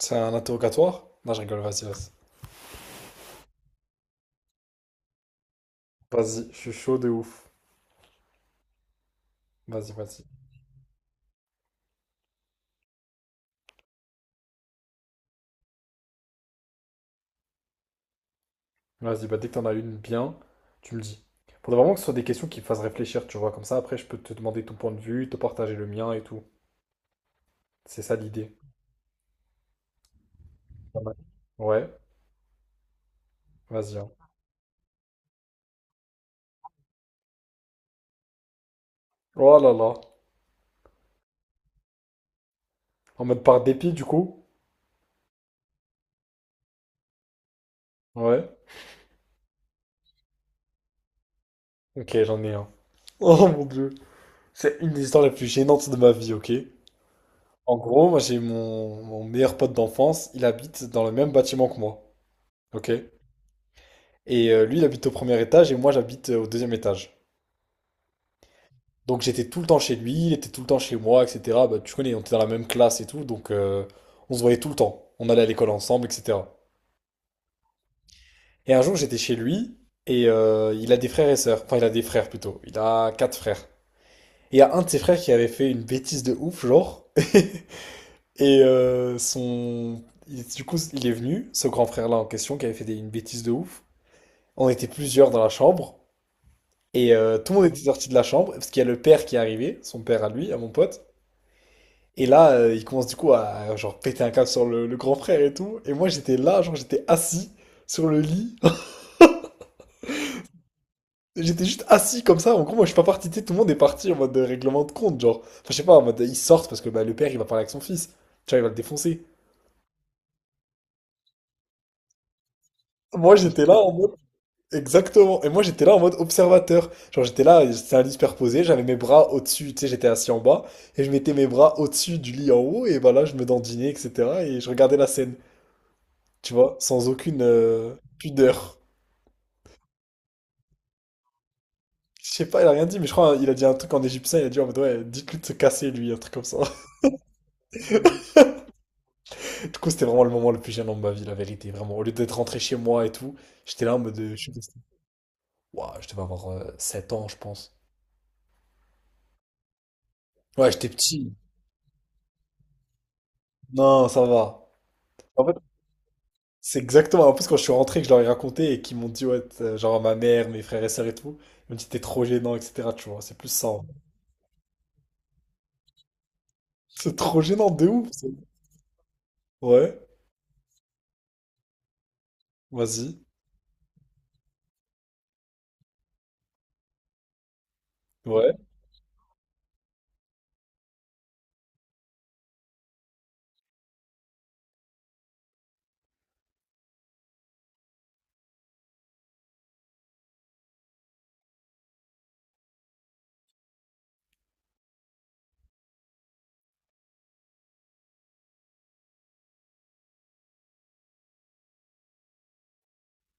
C'est un interrogatoire? Non, je rigole, vas-y, vas-y. Vas-y, je suis chaud de ouf. Vas-y, vas-y. Vas-y, bah, dès que t'en as une bien, tu me dis. Faudrait vraiment que ce soit des questions qui me fassent réfléchir, tu vois. Comme ça, après, je peux te demander ton point de vue, te partager le mien et tout. C'est ça l'idée. Pas mal. Ouais, vas-y, hein. Oh là là. En mode par dépit, du coup? Ouais. Ok, j'en ai un. Oh mon Dieu. C'est une des histoires les plus gênantes de ma vie, ok? En gros, moi, j'ai mon meilleur pote d'enfance. Il habite dans le même bâtiment que moi. Ok? Lui, il habite au premier étage et moi, j'habite au deuxième étage. Donc j'étais tout le temps chez lui, il était tout le temps chez moi, etc. Bah, tu connais, on était dans la même classe et tout, donc on se voyait tout le temps. On allait à l'école ensemble, etc. Et un jour, j'étais chez lui et il a des frères et sœurs. Enfin, il a des frères plutôt. Il a 4 frères. Et il y a un de ses frères qui avait fait une bêtise de ouf, genre. Et euh, son... du coup, il est venu, ce grand frère-là en question, qui avait fait une bêtise de ouf. On était plusieurs dans la chambre. Tout le monde était sorti de la chambre, parce qu'il y a le père qui est arrivé, son père à lui, à mon pote. Et là, il commence du coup à genre péter un câble sur le grand frère et tout. Et moi, j'étais là, genre j'étais assis sur le lit. J'étais juste assis comme ça. En gros, moi, je suis pas parti, tu sais. Tout le monde est parti en mode de règlement de compte, genre. Enfin, je sais pas, en mode ils sortent parce que bah, le père, il va parler avec son fils. Tu vois, il va le défoncer. Moi, j'étais là en mode. Exactement. Et moi, j'étais là en mode observateur. Genre, j'étais là, c'était un lit superposé, j'avais mes bras au-dessus, tu sais, j'étais assis en bas, et je mettais mes bras au-dessus du lit en haut, et voilà, je me dandinais, etc. Et je regardais la scène, tu vois, sans aucune pudeur. Je sais pas, il a rien dit, mais je crois il a dit un truc en égyptien, il a dit en mode, ouais, dites-lui de se casser, lui, un truc comme ça. Du coup, c'était vraiment le moment le plus gênant de ma vie, la vérité, vraiment. Au lieu d'être rentré chez moi et tout, j'étais là en mode, je suis resté. Ouah, je devais avoir 7 ans, je pense. Ouais, j'étais petit. Non, ça va. En fait, c'est exactement. En plus, quand je suis rentré, que je leur ai raconté et qu'ils m'ont dit, ouais, genre à ma mère, mes frères et sœurs et tout, ils m'ont dit, t'es trop gênant, etc. Tu vois, c'est plus ça, hein. C'est trop gênant de ouf. Ouais, vas-y. Ouais,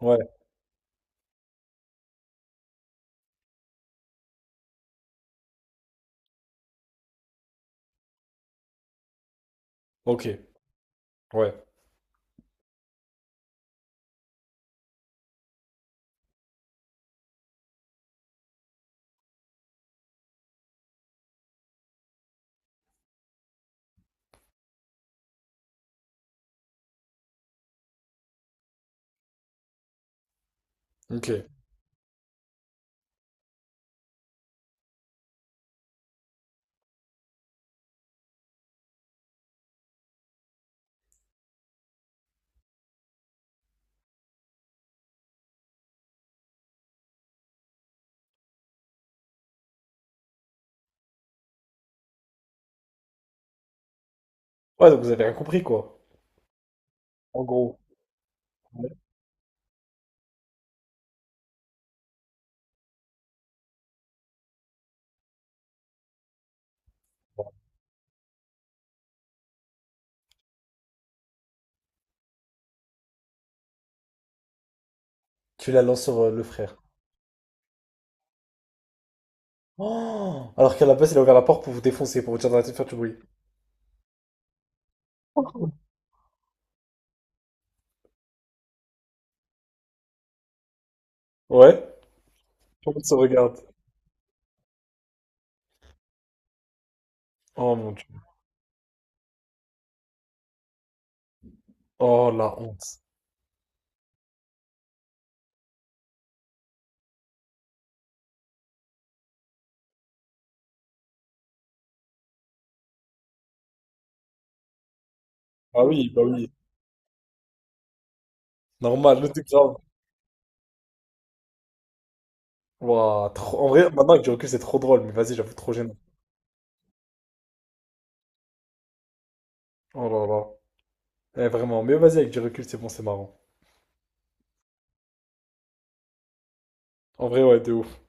ouais, ok, ouais, ok. Ouais, donc vous avez rien compris, quoi. En gros, ouais. Tu la lances sur le frère. Oh, alors qu'à la base, il a ouvert la porte pour vous défoncer, pour vous dire d'arrêter de faire du bruit. Ouais, tout le monde se regarde. Oh mon Dieu. Oh la honte. Ah oui, bah oui. Normal, le truc. Ouah, en vrai, maintenant avec du recul, c'est trop drôle, mais vas-y, j'avoue, trop gênant. Oh là là. Eh, vraiment, mais vas-y, avec du recul, c'est bon, c'est marrant. En vrai, ouais, de ouf.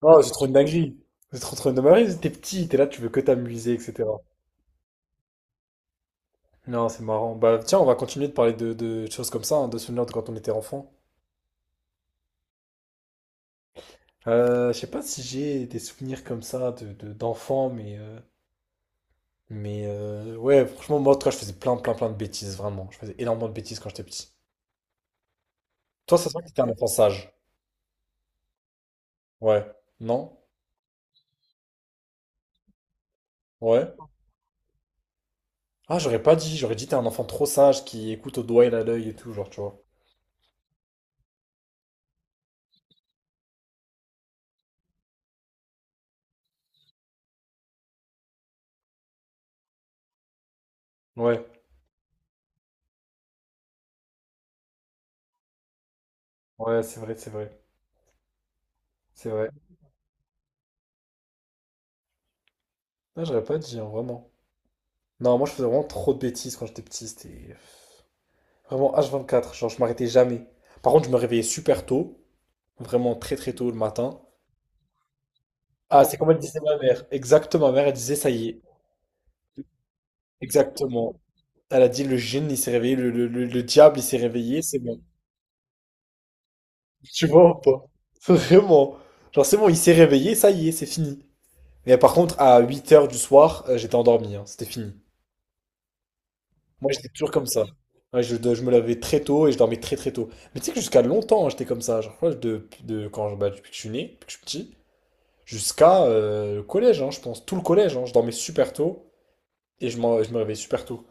Oh, c'est trop une dinguerie. C'est trop trop une dinguerie. T'es petit, t'es là, tu veux que t'amuser, etc. Non, c'est marrant. Bah, tiens, on va continuer de parler de, choses comme ça, hein, de souvenirs de quand on était enfant. Je sais pas si j'ai des souvenirs comme ça d'enfant, mais ouais, franchement, moi, en tout cas, je faisais plein, plein, plein de bêtises, vraiment. Je faisais énormément de bêtises quand j'étais petit. Toi, ça se voit que t'étais un enfant sage. Ouais. Non? Ouais. Ah, j'aurais pas dit, j'aurais dit t'es un enfant trop sage qui écoute au doigt et à l'œil et tout, genre, tu vois. Ouais, ouais, c'est vrai, c'est vrai, c'est vrai. Ah, j'aurais pas dit, hein, vraiment. Non, moi je faisais vraiment trop de bêtises quand j'étais petit, c'était vraiment H24, genre je m'arrêtais jamais. Par contre, je me réveillais super tôt, vraiment très très tôt le matin. Ah, c'est comme elle disait ma mère, exactement, ma mère elle disait ça y est, exactement. Elle a dit le djinn il s'est réveillé, le diable il s'est réveillé, c'est bon. Tu vois ou pas? Vraiment. Genre c'est bon, il s'est réveillé, ça y est, c'est fini. Mais par contre, à 8 heures du soir, j'étais endormi, hein, c'était fini. Moi, j'étais toujours comme ça. Ouais, je me lavais très tôt et je dormais très très tôt. Mais tu sais que jusqu'à longtemps, hein, j'étais comme ça. Genre, je crois que quand, bah, depuis que je suis né, depuis que je suis petit, jusqu'à le collège, hein, je pense. Tout le collège, hein, je dormais super tôt et je me réveillais super tôt.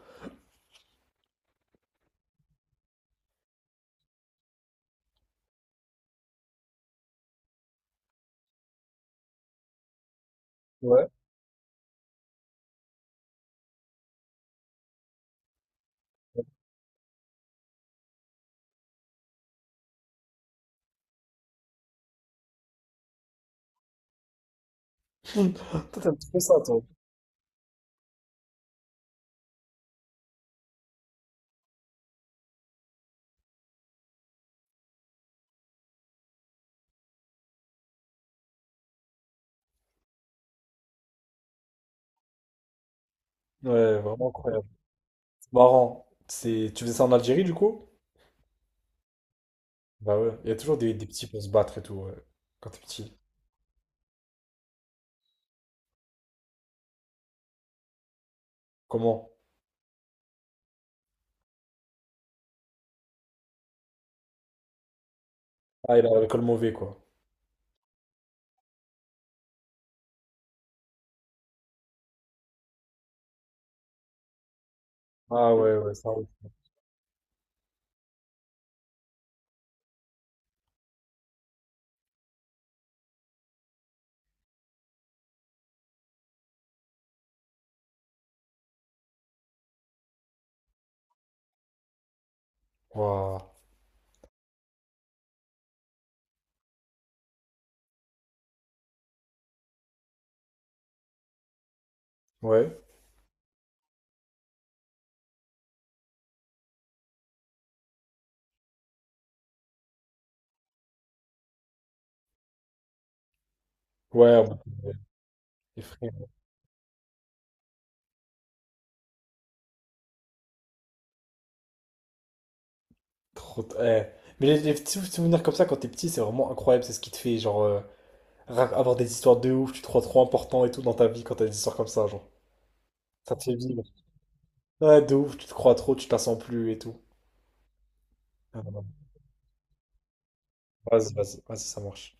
Ouais. Toi, t'as un petit peu ça, toi. Ouais, vraiment incroyable. C'est marrant. C'est... Tu faisais ça en Algérie, du coup? Bah ouais, il y a toujours des petits pour se battre et tout, ouais, quand t'es petit. Comment? Ah, il a le col mauvais, quoi. Ah ouais, ouais, ça. Waouh. Ouais. Ouais, en mode, euh, les frères, eh. Mais les petits souvenirs comme ça, quand t'es petit, c'est vraiment incroyable. C'est ce qui te fait, genre, avoir des histoires de ouf. Tu te crois trop important et tout dans ta vie quand t'as des histoires comme ça, genre. Ça te fait vivre. Ouais, de ouf, tu te crois trop, tu te la sens plus et tout. Ah, non, non. Vas-y, vas-y, vas-y, ça marche.